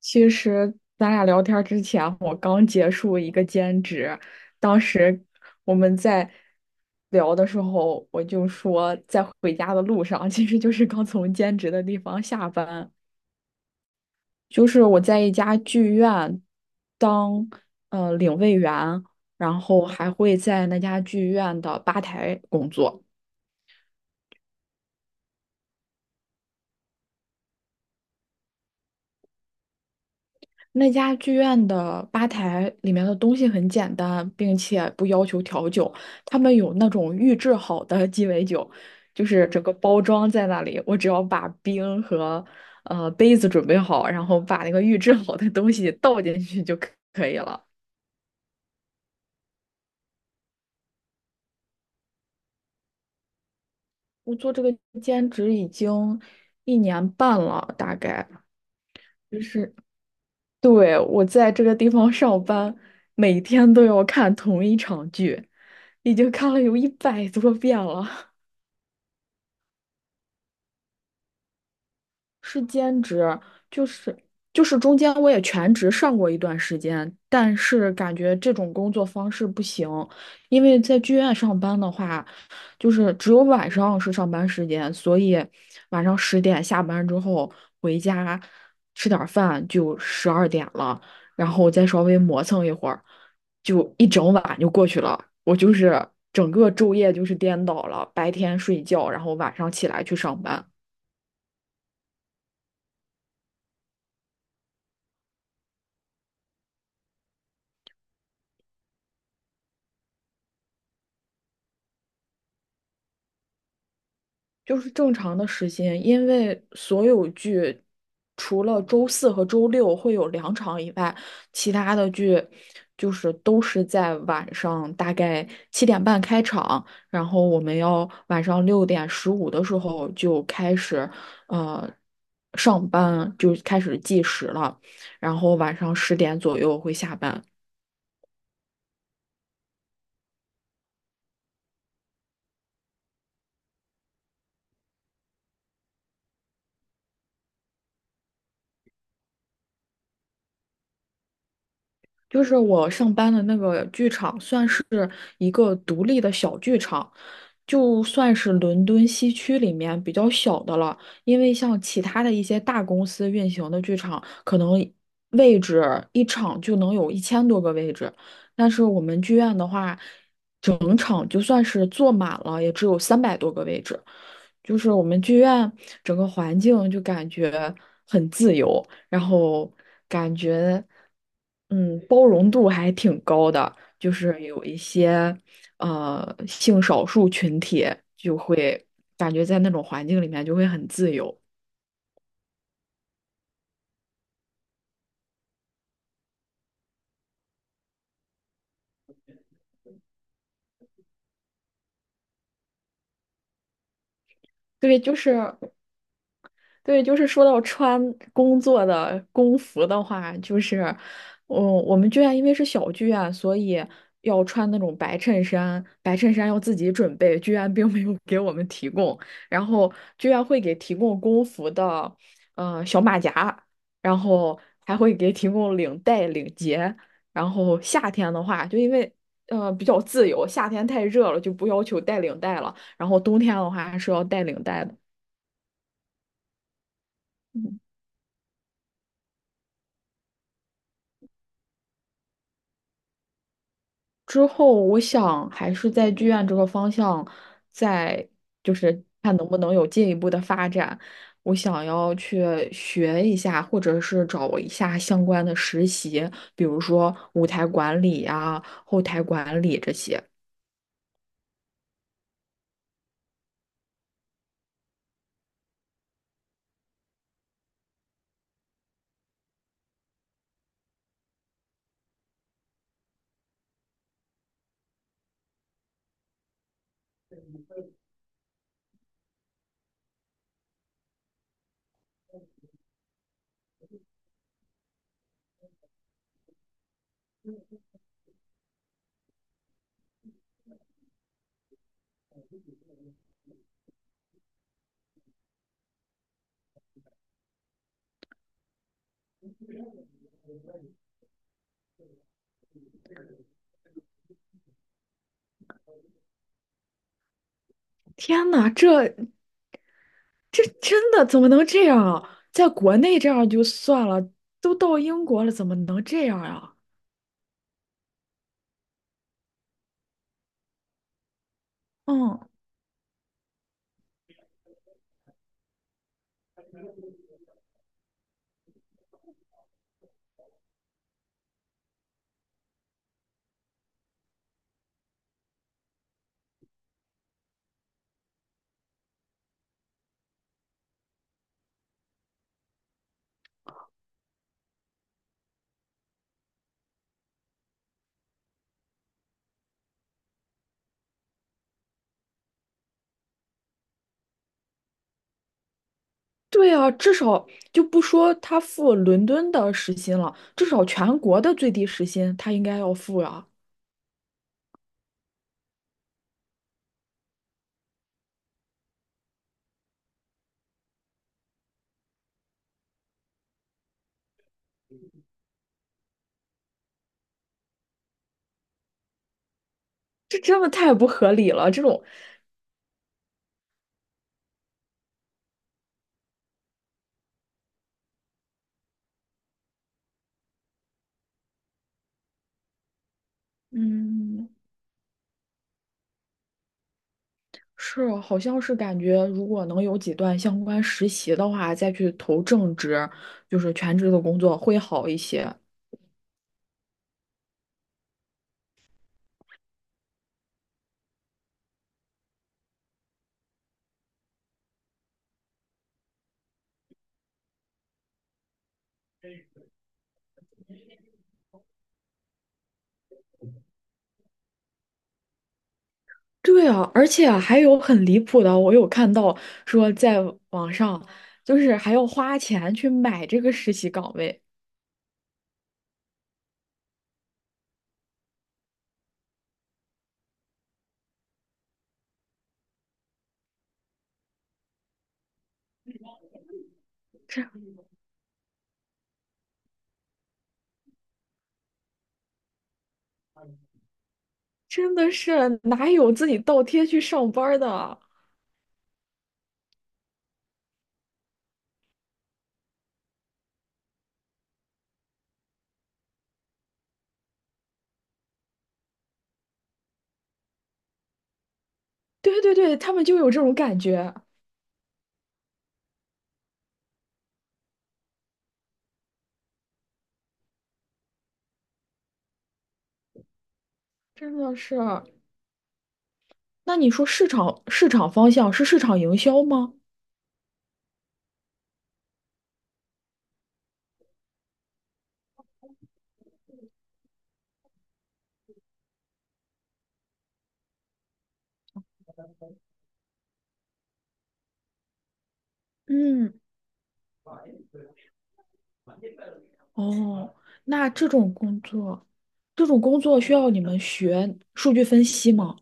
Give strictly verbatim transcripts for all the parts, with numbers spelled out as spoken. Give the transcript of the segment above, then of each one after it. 其实咱俩聊天之前，我刚结束一个兼职，当时我们在聊的时候，我就说在回家的路上，其实就是刚从兼职的地方下班，就是我在一家剧院当呃领位员，然后还会在那家剧院的吧台工作。那家剧院的吧台里面的东西很简单，并且不要求调酒。他们有那种预制好的鸡尾酒，就是整个包装在那里，我只要把冰和呃杯子准备好，然后把那个预制好的东西倒进去就可可以了。我做这个兼职已经一年半了，大概。就是对，我在这个地方上班，每天都要看同一场剧，已经看了有一百多遍了。是兼职，就是就是中间我也全职上过一段时间，但是感觉这种工作方式不行，因为在剧院上班的话，就是只有晚上是上班时间，所以晚上十点下班之后回家吃点儿饭就十二点了，然后再稍微磨蹭一会儿，就一整晚就过去了。我就是整个昼夜就是颠倒了，白天睡觉，然后晚上起来去上班。就是正常的时间，因为所有剧除了周四和周六会有两场以外，其他的剧就是都是在晚上大概七点半开场，然后我们要晚上六点十五的时候就开始，呃，上班就开始计时了，然后晚上十点左右会下班。就是我上班的那个剧场，算是一个独立的小剧场，就算是伦敦西区里面比较小的了。因为像其他的一些大公司运行的剧场，可能位置一场就能有一千多个位置，但是我们剧院的话，整场就算是坐满了，也只有三百多个位置。就是我们剧院整个环境就感觉很自由，然后感觉。嗯，包容度还挺高的，就是有一些呃性少数群体就会感觉在那种环境里面就会很自由。对，就是对，就是说到穿工作的工服的话，就是，嗯，我们剧院因为是小剧院，所以要穿那种白衬衫，白衬衫要自己准备，剧院并没有给我们提供。然后剧院会给提供工服的，呃，小马甲，然后还会给提供领带、领结。然后夏天的话，就因为呃比较自由，夏天太热了就不要求带领带了，然后冬天的话还是要带领带的。嗯之后我想还是在剧院这个方向，再就是看能不能有进一步的发展。我想要去学一下，或者是找一下相关的实习，比如说舞台管理啊、后台管理这些。天呐，这这真的怎么能这样啊？在国内这样就算了，都到英国了，怎么能这样呀？嗯。对啊，至少就不说他付伦敦的时薪了，至少全国的最低时薪他应该要付啊，这真的太不合理了。这种，嗯，是，好像是感觉如果能有几段相关实习的话，再去投正职，就是全职的工作会好一些。对啊，而且还有很离谱的，我有看到说在网上，就是还要花钱去买这个实习岗位。这。真的是哪有自己倒贴去上班儿的？对对对，他们就有这种感觉，真的是。那你说市场市场方向是市场营销吗？嗯，哦，那这种工作，这种工作需要你们学数据分析吗？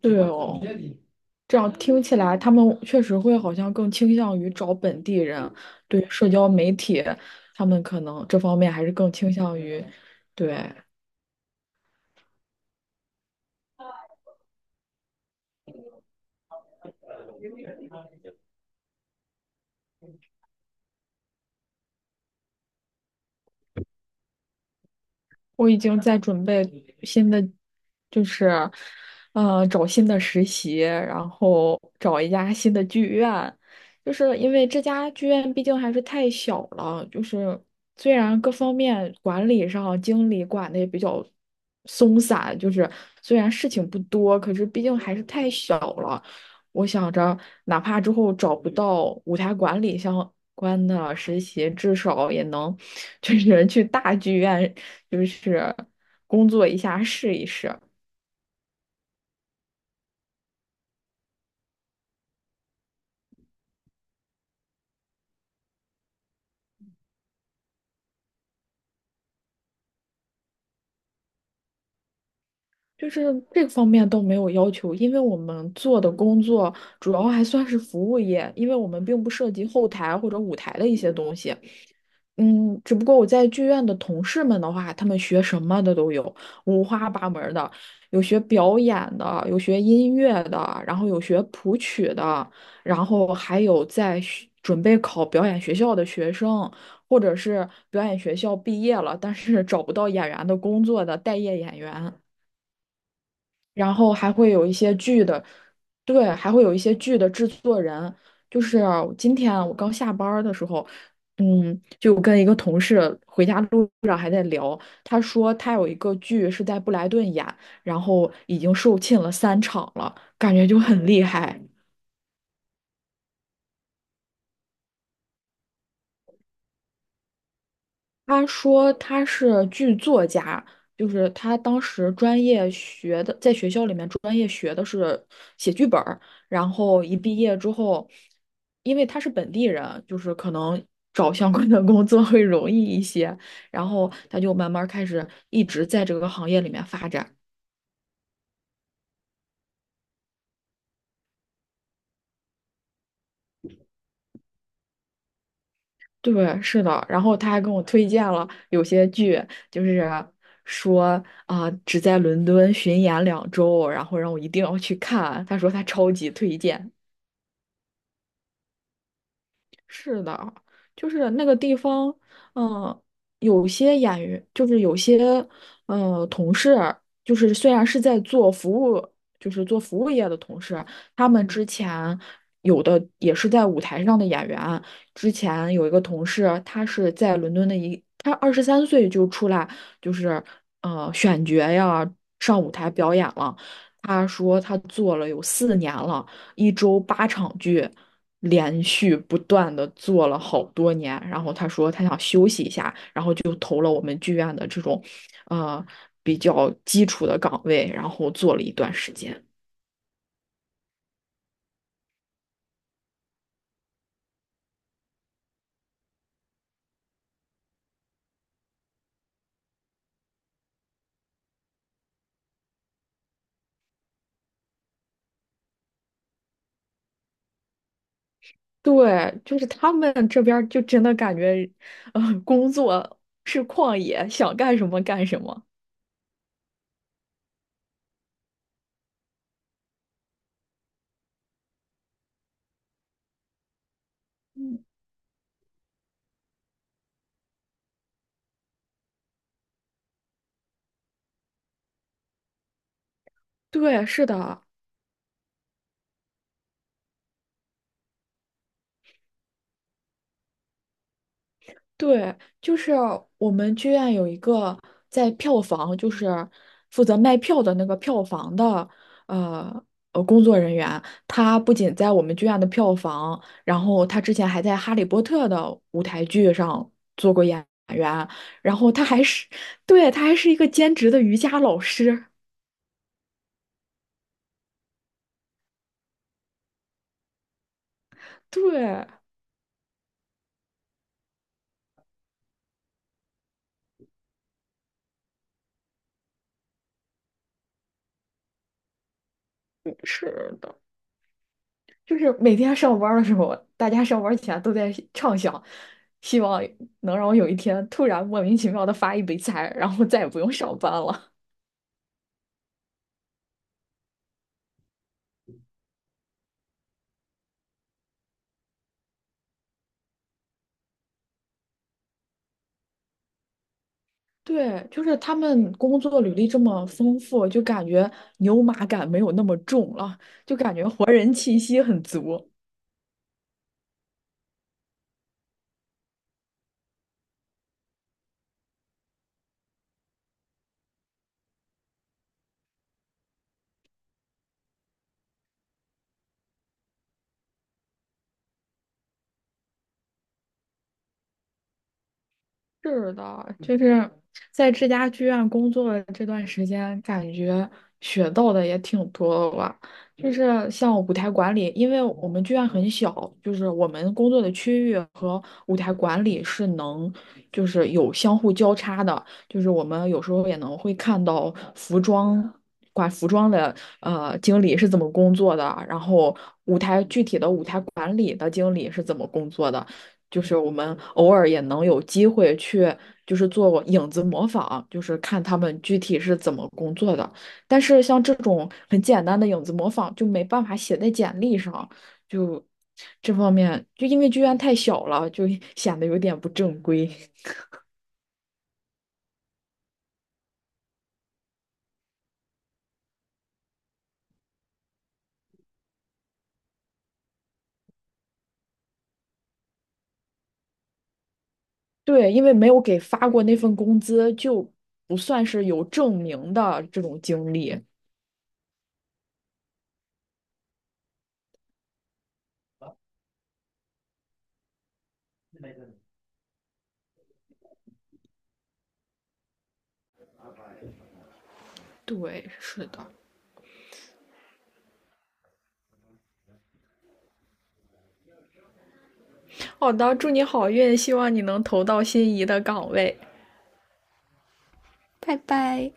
对哦，这样听起来他们确实会好像更倾向于找本地人，对社交媒体，他们可能这方面还是更倾向于，对。我已经在准备新的，就是，呃，找新的实习，然后找一家新的剧院，就是因为这家剧院毕竟还是太小了，就是虽然各方面管理上经理管的也比较松散，就是虽然事情不多，可是毕竟还是太小了。我想着，哪怕之后找不到舞台管理相关的实习，至少也能 就是去大剧院，就是工作一下试一试。就是这方面都没有要求，因为我们做的工作主要还算是服务业，因为我们并不涉及后台或者舞台的一些东西。嗯，只不过我在剧院的同事们的话，他们学什么的都有，五花八门儿的，有学表演的，有学音乐的，然后有学谱曲的，然后还有在学准备考表演学校的学生，或者是表演学校毕业了，但是找不到演员的工作的待业演员。然后还会有一些剧的，对，还会有一些剧的制作人。就是今天啊我刚下班儿的时候，嗯，就跟一个同事回家路上还在聊，他说他有一个剧是在布莱顿演，然后已经售罄了三场了，感觉就很厉害。他说他是剧作家，就是他当时专业学的，在学校里面专业学的是写剧本儿，然后一毕业之后，因为他是本地人，就是可能找相关的工作会容易一些，然后他就慢慢开始一直在这个行业里面发展。对，是的，然后他还跟我推荐了有些剧，就是说啊、只在伦敦巡演两周，然后让我一定要去看。他说他超级推荐。是的，就是那个地方，嗯、有些演员，就是有些，呃，同事，就是虽然是在做服务，就是做服务业的同事，他们之前有的也是在舞台上的演员。之前有一个同事，他是在伦敦的一，他二十三岁就出来，就是呃选角呀，上舞台表演了。他说他做了有四年了，一周八场剧。连续不断的做了好多年，然后他说他想休息一下，然后就投了我们剧院的这种，呃，比较基础的岗位，然后做了一段时间。对，就是他们这边儿就真的感觉，呃，工作是旷野，想干什么干什么。对，是的，对，就是我们剧院有一个在票房，就是负责卖票的那个票房的，呃呃，工作人员，他不仅在我们剧院的票房，然后他之前还在《哈利波特》的舞台剧上做过演员，然后他还是，对，他还是一个兼职的瑜伽老师，对。嗯是的，就是每天上班儿的时候，大家上班儿前都在畅想，希望能让我有一天突然莫名其妙的发一笔财，然后再也不用上班了。对，就是他们工作履历这么丰富，就感觉牛马感没有那么重了，就感觉活人气息很足。是的，就是在这家剧院工作的这段时间，感觉学到的也挺多的吧。就是像舞台管理，因为我们剧院很小，就是我们工作的区域和舞台管理是能，就是有相互交叉的。就是我们有时候也能会看到服装。管服装的呃经理是怎么工作的，然后舞台具体的舞台管理的经理是怎么工作的，就是我们偶尔也能有机会去，就是做影子模仿，就是看他们具体是怎么工作的。但是像这种很简单的影子模仿，就没办法写在简历上，就这方面，就因为剧院太小了，就 显得有点不正规。对，因为没有给发过那份工资，就不算是有证明的这种经历。对，是的。好的，祝你好运，希望你能投到心仪的岗位。拜拜。